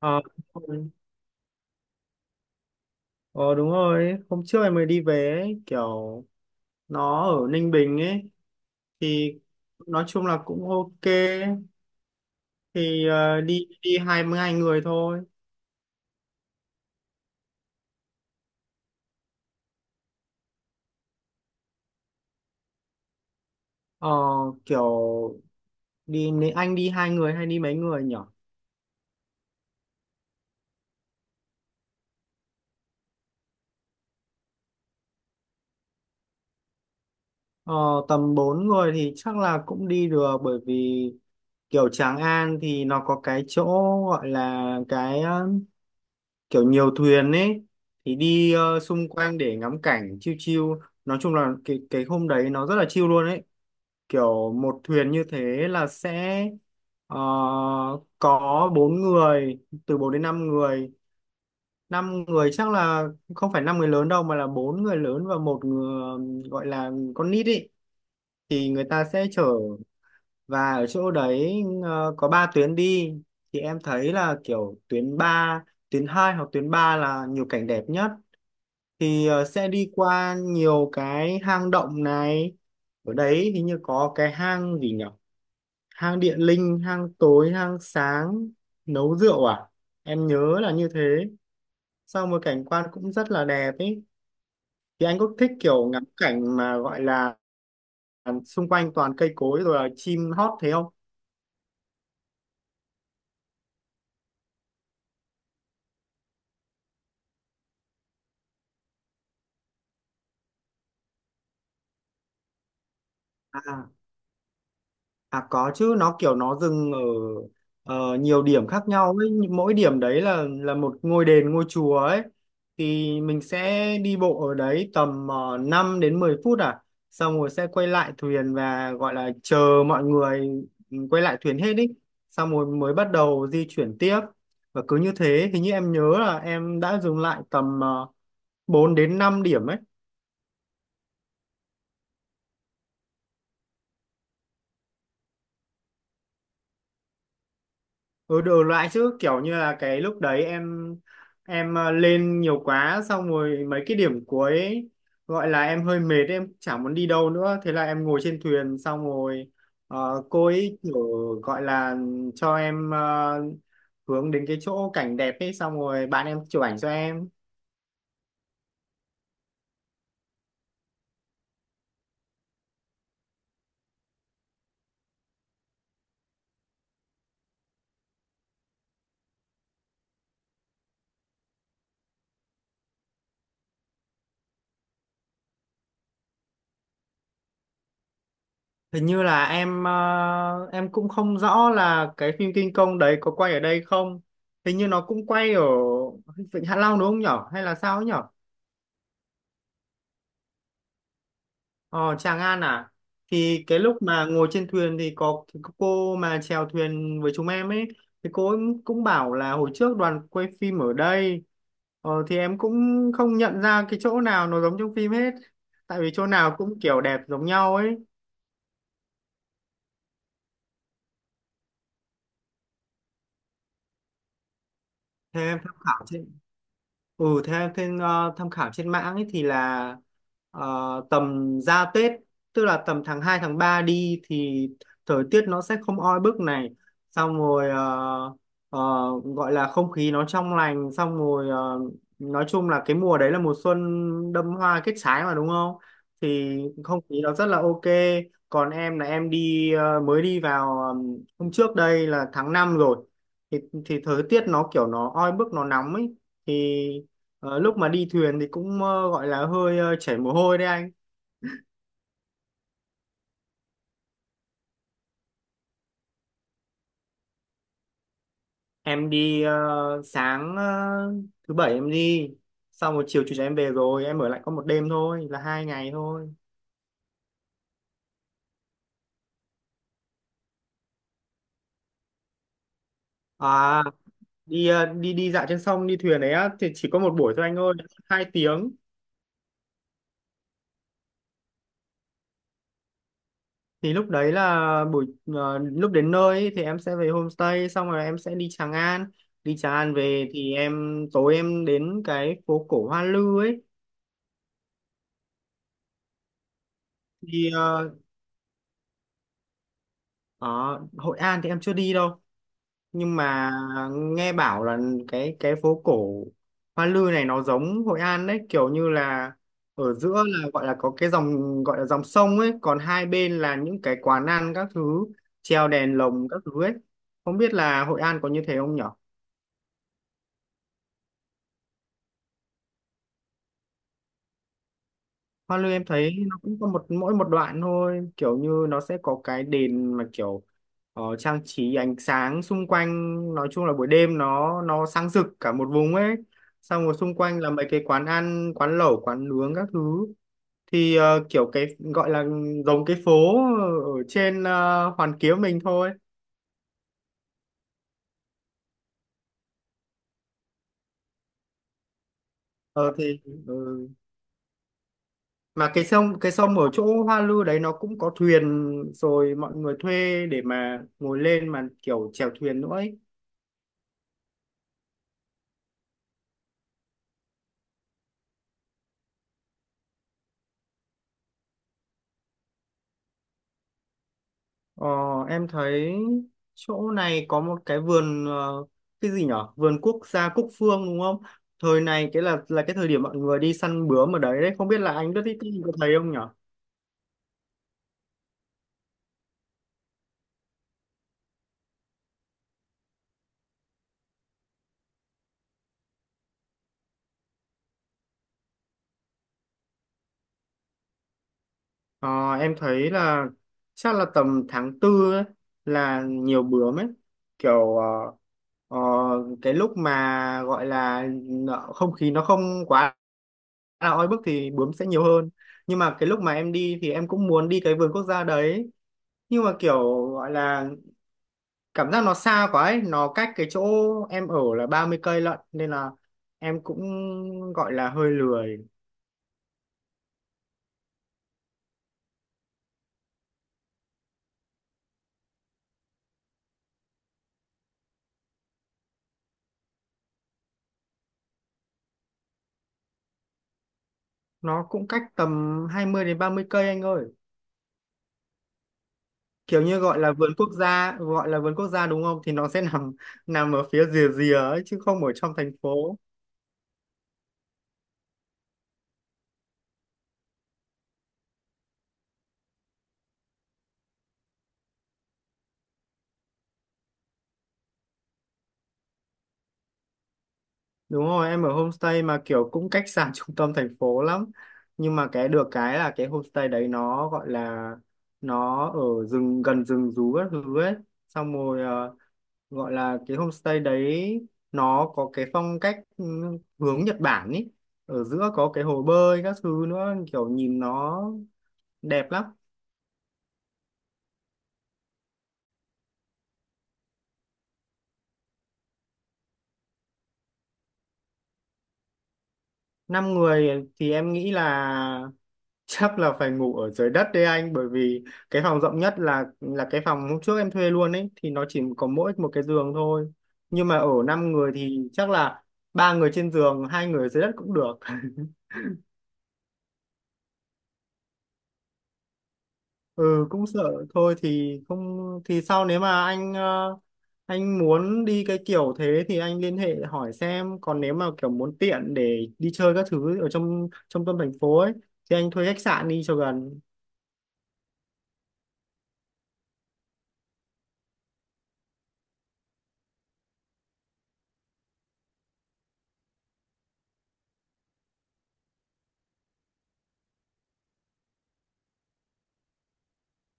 Ờ, đúng rồi. Ờ, đúng rồi, hôm trước em mới đi về ấy, kiểu nó ở Ninh Bình ấy, thì nói chung là cũng ok. Thì đi đi 22 người thôi. Ờ, kiểu nếu anh đi hai người hay đi mấy người nhỉ? Ờ, tầm bốn người thì chắc là cũng đi được, bởi vì kiểu Tràng An thì nó có cái chỗ gọi là cái kiểu nhiều thuyền ấy, thì đi xung quanh để ngắm cảnh chiêu chiêu. Nói chung là cái hôm đấy nó rất là chiêu luôn ấy, kiểu một thuyền như thế là sẽ ờ, có bốn người, từ 4 đến 5 người. Năm người chắc là không phải năm người lớn đâu, mà là bốn người lớn và một người gọi là con nít ấy, thì người ta sẽ chở. Và ở chỗ đấy có ba tuyến đi, thì em thấy là kiểu tuyến 2 hoặc tuyến 3 là nhiều cảnh đẹp nhất. Thì sẽ đi qua nhiều cái hang động này. Ở đấy hình như có cái hang gì nhỉ, hang điện linh, hang tối, hang sáng, nấu rượu à, em nhớ là như thế. Sau một cảnh quan cũng rất là đẹp ấy, thì anh có thích kiểu ngắm cảnh mà gọi là xung quanh toàn cây cối rồi là chim hót thế không? À, à có chứ, nó kiểu nó dừng ở nhiều điểm khác nhau ấy. Nhưng mỗi điểm đấy là một ngôi đền, ngôi chùa ấy, thì mình sẽ đi bộ ở đấy tầm 5 đến 10 phút à. Xong rồi sẽ quay lại thuyền và gọi là chờ mọi người. Ừ, quay lại thuyền hết ý. Xong rồi mới bắt đầu di chuyển tiếp, và cứ như thế. Hình như em nhớ là em đã dừng lại tầm 4 đến 5 điểm ấy. Ừ, đủ loại chứ, kiểu như là cái lúc đấy em lên nhiều quá, xong rồi mấy cái điểm cuối ấy, gọi là em hơi mệt, em chả muốn đi đâu nữa, thế là em ngồi trên thuyền. Xong rồi cô ấy kiểu gọi là cho em hướng đến cái chỗ cảnh đẹp ấy, xong rồi bạn em chụp ảnh cho em. Hình như là em cũng không rõ là cái phim King Kong đấy có quay ở đây không. Hình như nó cũng quay ở Vịnh Hạ Long đúng không nhở, hay là sao ấy nhở? Ờ, Tràng An à? Thì cái lúc mà ngồi trên thuyền thì có cô mà chèo thuyền với chúng em ấy, thì cô ấy cũng bảo là hồi trước đoàn quay phim ở đây. Thì em cũng không nhận ra cái chỗ nào nó giống trong phim hết, tại vì chỗ nào cũng kiểu đẹp giống nhau ấy. Thế em tham khảo chứ. Ừ, theo tham khảo trên mạng ấy thì là ờ, tầm ra Tết, tức là tầm tháng 2 tháng 3 đi, thì thời tiết nó sẽ không oi bức này. Xong rồi ờ, gọi là không khí nó trong lành. Xong rồi nói chung là cái mùa đấy là mùa xuân, đâm hoa kết trái mà đúng không? Thì không khí nó rất là ok. Còn em là mới đi vào hôm trước đây là tháng 5 rồi. Thì, thì thời tiết nó kiểu nó oi bức, nó nóng ấy. Thì lúc mà đi thuyền thì cũng gọi là hơi chảy mồ hôi đấy anh. Sáng thứ bảy em đi, xong rồi chiều chủ nhật em về rồi, em ở lại có một đêm thôi, là 2 ngày thôi. À, đi dạo trên sông, đi thuyền đấy á, thì chỉ có một buổi thôi anh ơi, 2 tiếng. Thì lúc đấy là buổi lúc đến nơi ấy, thì em sẽ về homestay, xong rồi em sẽ đi Tràng An. Đi Tràng An về thì em tối em đến cái phố cổ Hoa Lư ấy. Thì ở Hội An thì em chưa đi đâu, nhưng mà nghe bảo là cái phố cổ Hoa Lư này nó giống Hội An đấy, kiểu như là ở giữa là gọi là có cái dòng, gọi là dòng sông ấy, còn hai bên là những cái quán ăn các thứ, treo đèn lồng các thứ ấy. Không biết là Hội An có như thế không nhỉ? Hoa Lư em thấy nó cũng có một, mỗi một đoạn thôi, kiểu như nó sẽ có cái đèn mà kiểu trang trí ánh sáng xung quanh. Nói chung là buổi đêm nó sáng rực cả một vùng ấy. Xong rồi xung quanh là mấy cái quán ăn, quán lẩu, quán nướng các thứ. Thì kiểu cái gọi là giống cái phố ở trên Hoàn Kiếm mình thôi. Ờ thì ừ. Mà cái sông ở chỗ Hoa Lư đấy nó cũng có thuyền, rồi mọi người thuê để mà ngồi lên mà kiểu chèo thuyền nữa ấy. Ờ, em thấy chỗ này có một cái vườn cái gì nhở, vườn quốc gia Cúc Phương đúng không? Thời này cái là cái thời điểm mọi người đi săn bướm ở đấy đấy, không biết là anh biết cái gì, có thấy không nhở? Ờ, em thấy là chắc là tầm tháng tư ấy là nhiều bướm ấy, kiểu ờ, cái lúc mà gọi là nợ- không khí nó không quá là oi bức thì bướm sẽ nhiều hơn. Nhưng mà cái lúc mà em đi thì em cũng muốn đi cái vườn quốc gia đấy, nhưng mà kiểu gọi là cảm giác nó xa quá ấy, nó cách cái chỗ em ở là 30 cây lận, nên là em cũng gọi là hơi lười. Nó cũng cách tầm 20 đến 30 cây anh ơi. Kiểu như gọi là vườn quốc gia, gọi là vườn quốc gia đúng không, thì nó sẽ nằm nằm ở phía rìa rìa ấy chứ không ở trong thành phố. Đúng rồi, em ở homestay mà kiểu cũng cách xa trung tâm thành phố lắm, nhưng mà cái được cái là cái homestay đấy nó gọi là nó ở rừng, gần rừng rú các thứ ấy. Xong rồi gọi là cái homestay đấy nó có cái phong cách hướng Nhật Bản ý, ở giữa có cái hồ bơi các thứ nữa, kiểu nhìn nó đẹp lắm. Năm người thì em nghĩ là chắc là phải ngủ ở dưới đất đấy anh, bởi vì cái phòng rộng nhất là cái phòng hôm trước em thuê luôn ấy, thì nó chỉ có mỗi một cái giường thôi, nhưng mà ở năm người thì chắc là ba người trên giường, hai người dưới đất cũng được ừ, cũng sợ thôi, thì không, thì sau nếu mà anh muốn đi cái kiểu thế thì anh liên hệ hỏi xem. Còn nếu mà kiểu muốn tiện để đi chơi các thứ ở trong trong tâm thành phố ấy, thì anh thuê khách sạn đi cho gần.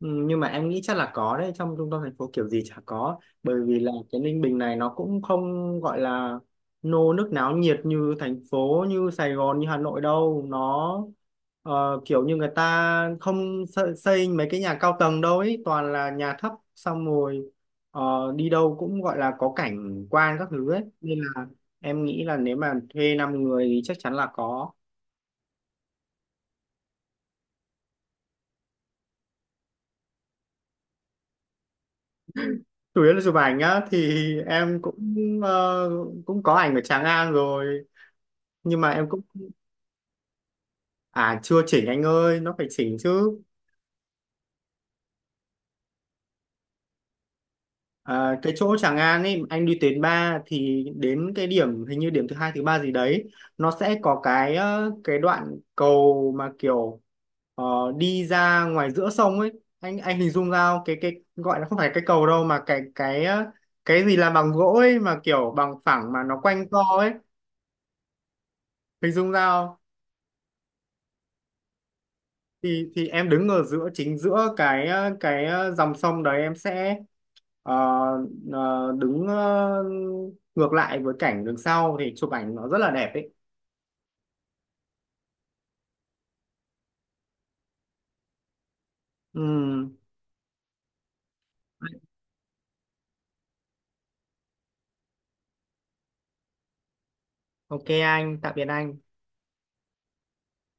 Ừ, nhưng mà em nghĩ chắc là có đấy, trong trung tâm thành phố kiểu gì chả có, bởi vì là cái Ninh Bình này nó cũng không gọi là nô nức náo nhiệt như thành phố, như Sài Gòn, như Hà Nội đâu. Nó kiểu như người ta không xây mấy cái nhà cao tầng đâu ấy, toàn là nhà thấp. Xong rồi đi đâu cũng gọi là có cảnh quan các thứ ấy, nên là em nghĩ là nếu mà thuê 5 người thì chắc chắn là có. Chủ yếu là chụp ảnh nhá, thì em cũng ờ, cũng có ảnh ở Tràng An rồi, nhưng mà em cũng, à, chưa chỉnh anh ơi, nó phải chỉnh chứ. À, cái chỗ Tràng An ấy, anh đi tuyến 3 thì đến cái điểm hình như điểm thứ hai thứ ba gì đấy, nó sẽ có cái cái đoạn cầu mà kiểu ờ, đi ra ngoài giữa sông ấy. Anh hình dung ra không? Cái gọi là không phải cái cầu đâu, mà cái gì làm bằng gỗ ấy, mà kiểu bằng phẳng mà nó quanh co ấy. Hình dung ra không? Thì em đứng ở giữa, chính giữa cái dòng sông đấy, em sẽ Ờ, đứng ngược lại với cảnh đằng sau thì chụp ảnh nó rất là đẹp ấy. Ừm, ok anh, tạm biệt anh.